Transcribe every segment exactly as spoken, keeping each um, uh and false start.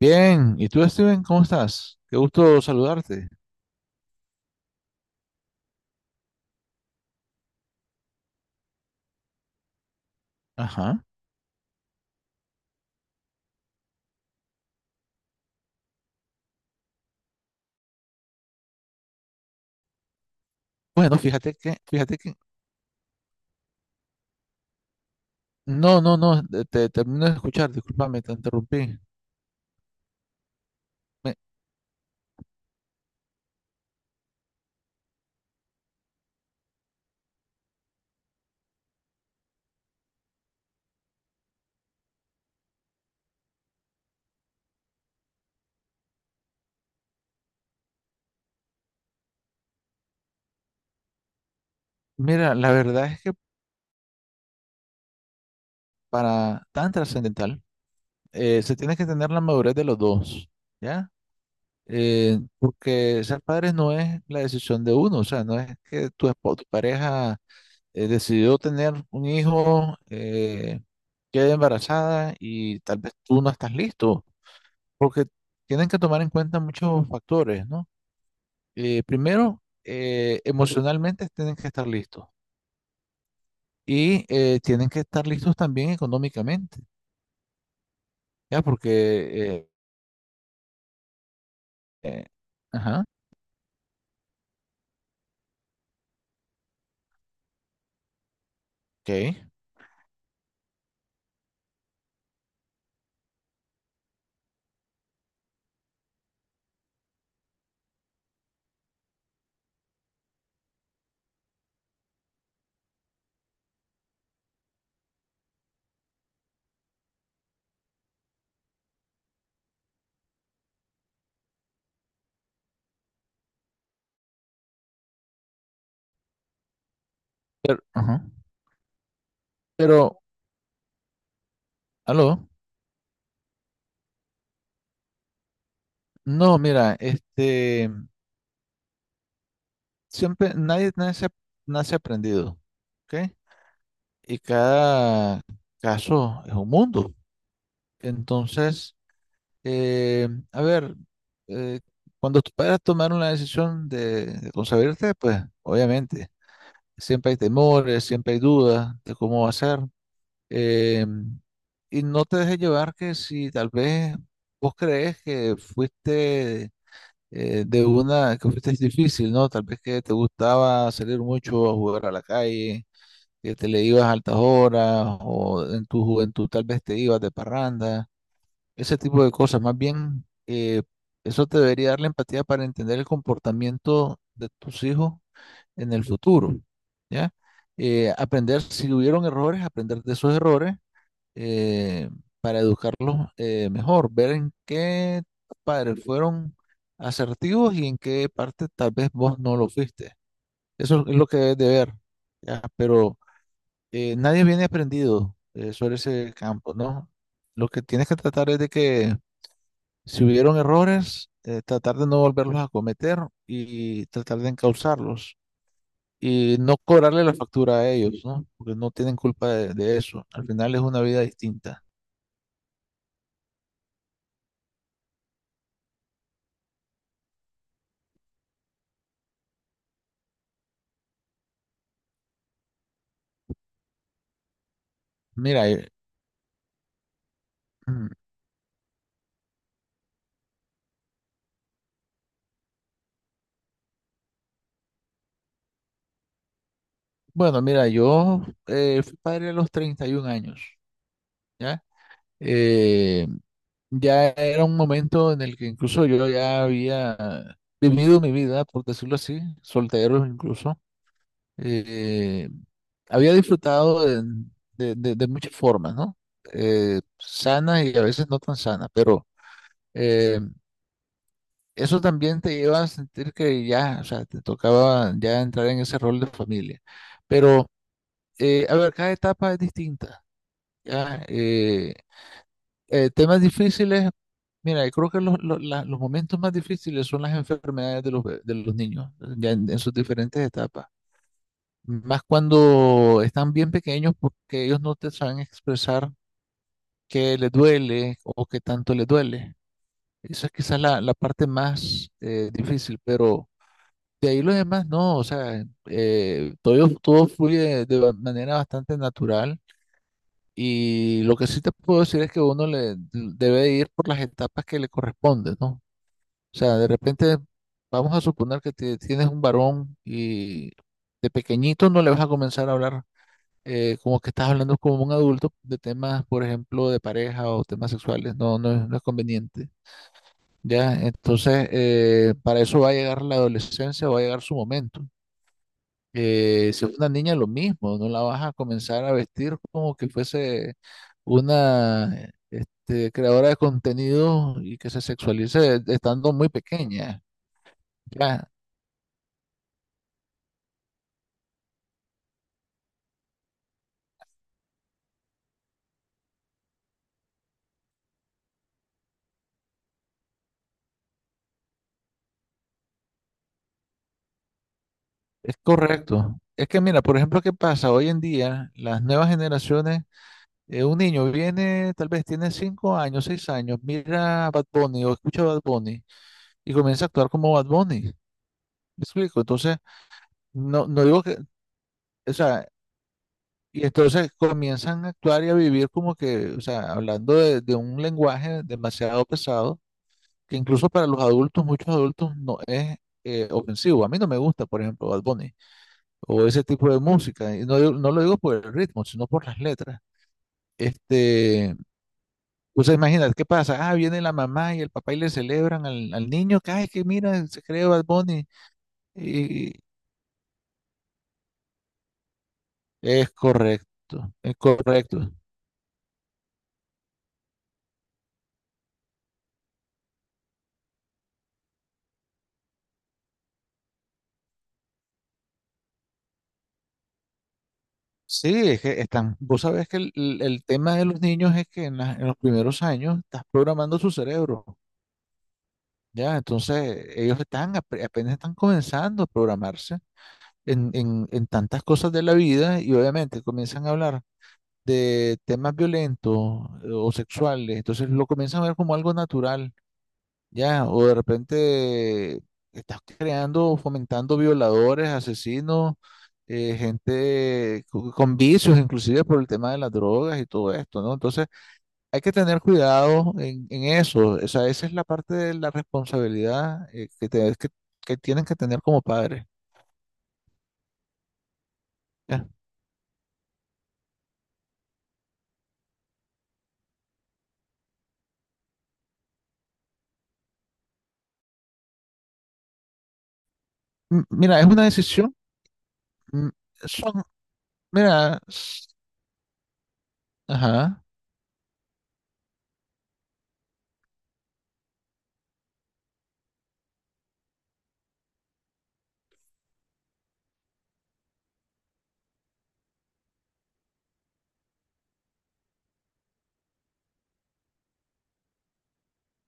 Bien, ¿y tú, Steven? ¿Cómo estás? Qué gusto saludarte. Ajá. Bueno, fíjate que, fíjate que, no, no, no, te, te termino de escuchar, discúlpame, te interrumpí. Me- Mira, la verdad es que para tan trascendental, eh, se tiene que tener la madurez de los dos, ¿ya? Eh, porque ser padres no es la decisión de uno, o sea, no es que tu, espo- tu pareja eh, decidió tener un hijo, eh, quede embarazada y tal vez tú no estás listo. Porque tienen que tomar en cuenta muchos factores, ¿no? Eh, primero, eh, emocionalmente tienen que estar listos y eh, tienen que estar listos también económicamente, ¿ya? Porque, eh, eh, ajá, ok, pero, ajá, pero, aló, no, mira, este, siempre, nadie nace, nace aprendido, ¿ok? Y cada caso es un mundo. Entonces, Eh, a ver, eh, cuando tus padres tomaron la decisión de, de concebirte, pues obviamente, siempre hay temores, siempre hay dudas de cómo va a ser. Eh, y no te dejes llevar que si tal vez vos crees que fuiste eh, de una, que fuiste difícil, ¿no? Tal vez que te gustaba salir mucho a jugar a la calle, que te le ibas a altas horas, o en tu juventud tal vez te ibas de parranda ese tipo de cosas. Más bien, eh, eso te debería dar la empatía para entender el comportamiento de tus hijos en el futuro, ¿ya? Eh, aprender, si hubieron errores, aprender de esos errores eh, para educarlos eh, mejor, ver en qué padres fueron asertivos y en qué parte tal vez vos no lo fuiste. Eso es lo que debes de ver, ¿ya? Pero eh, nadie viene aprendido eh, sobre ese campo, ¿no? Lo que tienes que tratar es de que si hubieron errores, eh, tratar de no volverlos a cometer y tratar de encauzarlos y no cobrarle la factura a ellos, ¿no? Porque no tienen culpa de, de eso. Al final es una vida distinta. Mira, eh, mm, bueno, mira, yo eh, fui padre a los treinta y un años, ¿ya? Eh, ya era un momento en el que incluso yo ya había vivido mi vida, por decirlo así, soltero incluso. eh, Había disfrutado de, de- de- de muchas formas, ¿no? Eh, sanas y a veces no tan sanas, pero eh, eso también te lleva a sentir que ya, o sea, te tocaba ya entrar en ese rol de familia. Pero, eh, a ver, cada etapa es distinta, ¿ya? Eh, eh, temas difíciles, mira, yo creo que los, los- la- los momentos más difíciles son las enfermedades de los, be- de los niños, ya en en sus diferentes etapas. Más cuando están bien pequeños porque ellos no te saben expresar qué les duele o qué tanto les duele. Esa es quizás la, la parte más eh, difícil, pero de ahí los demás no, o sea, eh, todo, todo fluye de ba- manera bastante natural y lo que sí te puedo decir es que uno le debe ir por las etapas que le corresponden, ¿no? O sea, de repente vamos a suponer que te- tienes un varón y de pequeñito no le vas a comenzar a hablar eh, como que estás hablando como un adulto de temas, por ejemplo, de pareja o temas sexuales, no, no, es no es conveniente, ¿ya? Entonces, eh, para eso va a llegar la adolescencia, va a llegar su momento. Eh, si es una niña, lo mismo, no la vas a comenzar a vestir como que fuese una, este, creadora de contenido y que se sexualice estando muy pequeña, ¿ya? Es correcto. Es que mira, por ejemplo, ¿qué pasa? Hoy en día, las nuevas generaciones Eh, un niño viene, tal vez tiene cinco años, seis años, mira a Bad Bunny o escucha a Bad Bunny y comienza a actuar como Bad Bunny. ¿Me explico? Entonces, no, no digo que, o sea, y entonces comienzan a actuar y a vivir como que, o sea, hablando de, de un lenguaje demasiado pesado, que incluso para los adultos, muchos adultos, no es eh, ofensivo. A mí no me gusta, por ejemplo, Bad Bunny o ese tipo de música. Y no, digo- no lo digo por el ritmo, sino por las letras. Este. O sea, imagínate, ¿qué pasa? Ah, viene la mamá y el papá y le celebran al, al niño, que ay, que mira, se cree Bad Bunny. Y es correcto, es correcto. Sí, es que están, vos sabés que el, el- el tema de los niños es que en, la- en los primeros años estás programando su cerebro, ¿ya? Entonces, ellos están, ap- apenas están comenzando a programarse en, en, en tantas cosas de la vida y obviamente comienzan a hablar de temas violentos eh, o sexuales, entonces lo comienzan a ver como algo natural. Ya, o de repente estás creando, fomentando violadores, asesinos, eh, gente co- con vicios, inclusive por el tema de las drogas y todo esto, ¿no? Entonces, hay que tener cuidado en, en eso. O sea, esa es la parte de la responsabilidad eh, que, te- que, que tienen que tener como padres. Ya. M- Mira, es una decisión. Mm, son, mira, s- ajá,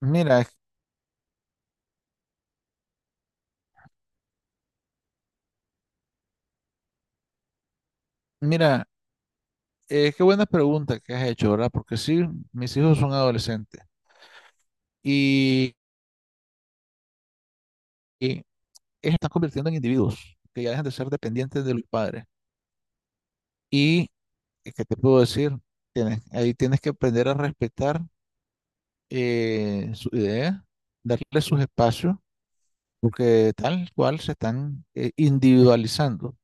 mira, mira, eh, qué buena pregunta que has hecho, ¿verdad? Porque sí, mis hijos son adolescentes. Y, y ellos están convirtiendo en individuos que ya dejan de ser dependientes de los padres. Y, eh, ¿qué te puedo decir? Tienes- ahí tienes que aprender a respetar eh, su idea, darle sus espacios, porque tal cual se están eh, individualizando.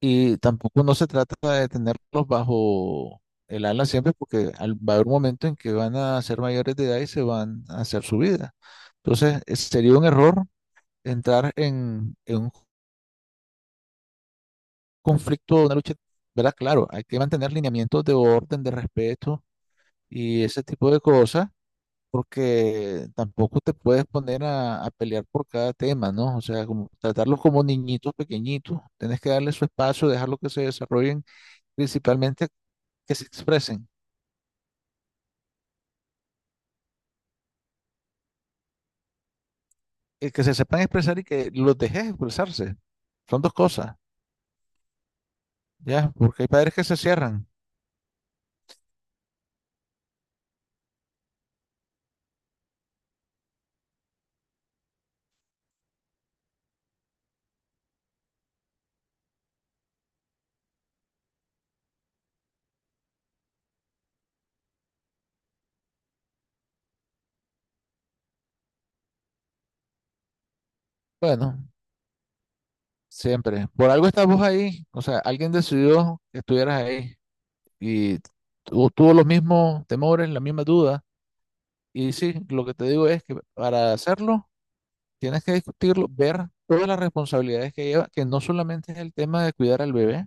Y tampoco no se trata de tenerlos bajo el ala siempre, porque al- va a haber un momento en que van a ser mayores de edad y se van a hacer su vida. Entonces, eh, sería un error entrar en, en un conflicto, una lucha, ¿verdad? Claro, hay que mantener lineamientos de orden, de respeto y ese tipo de cosas, porque tampoco te puedes poner a, a pelear por cada tema, ¿no? O sea, como tratarlos como niñitos pequeñitos, tienes que darles su espacio, dejarlos que se desarrollen, principalmente que se expresen, eh, que se sepan expresar y que los dejes expresarse. Son dos cosas, ¿ya? Porque hay padres que se cierran. Bueno, siempre. Por algo estás vos ahí, o sea, alguien decidió que estuvieras ahí. Y tu- tuvo los mismos temores, las mismas dudas. Y sí, lo que te digo es que para hacerlo tienes que discutirlo, ver todas las responsabilidades que lleva, que no solamente es el tema de cuidar al bebé,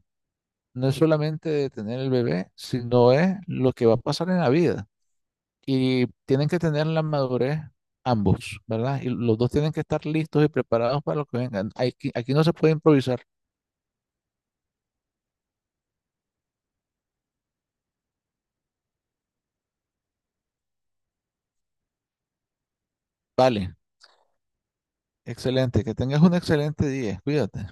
no es solamente de tener el bebé, sino es lo que va a pasar en la vida. Y tienen que tener la madurez ambos, ¿verdad? Y los dos tienen que estar listos y preparados para lo que vengan. Aquí, aquí no se puede improvisar. Vale, excelente, que tengas un excelente día, cuídate.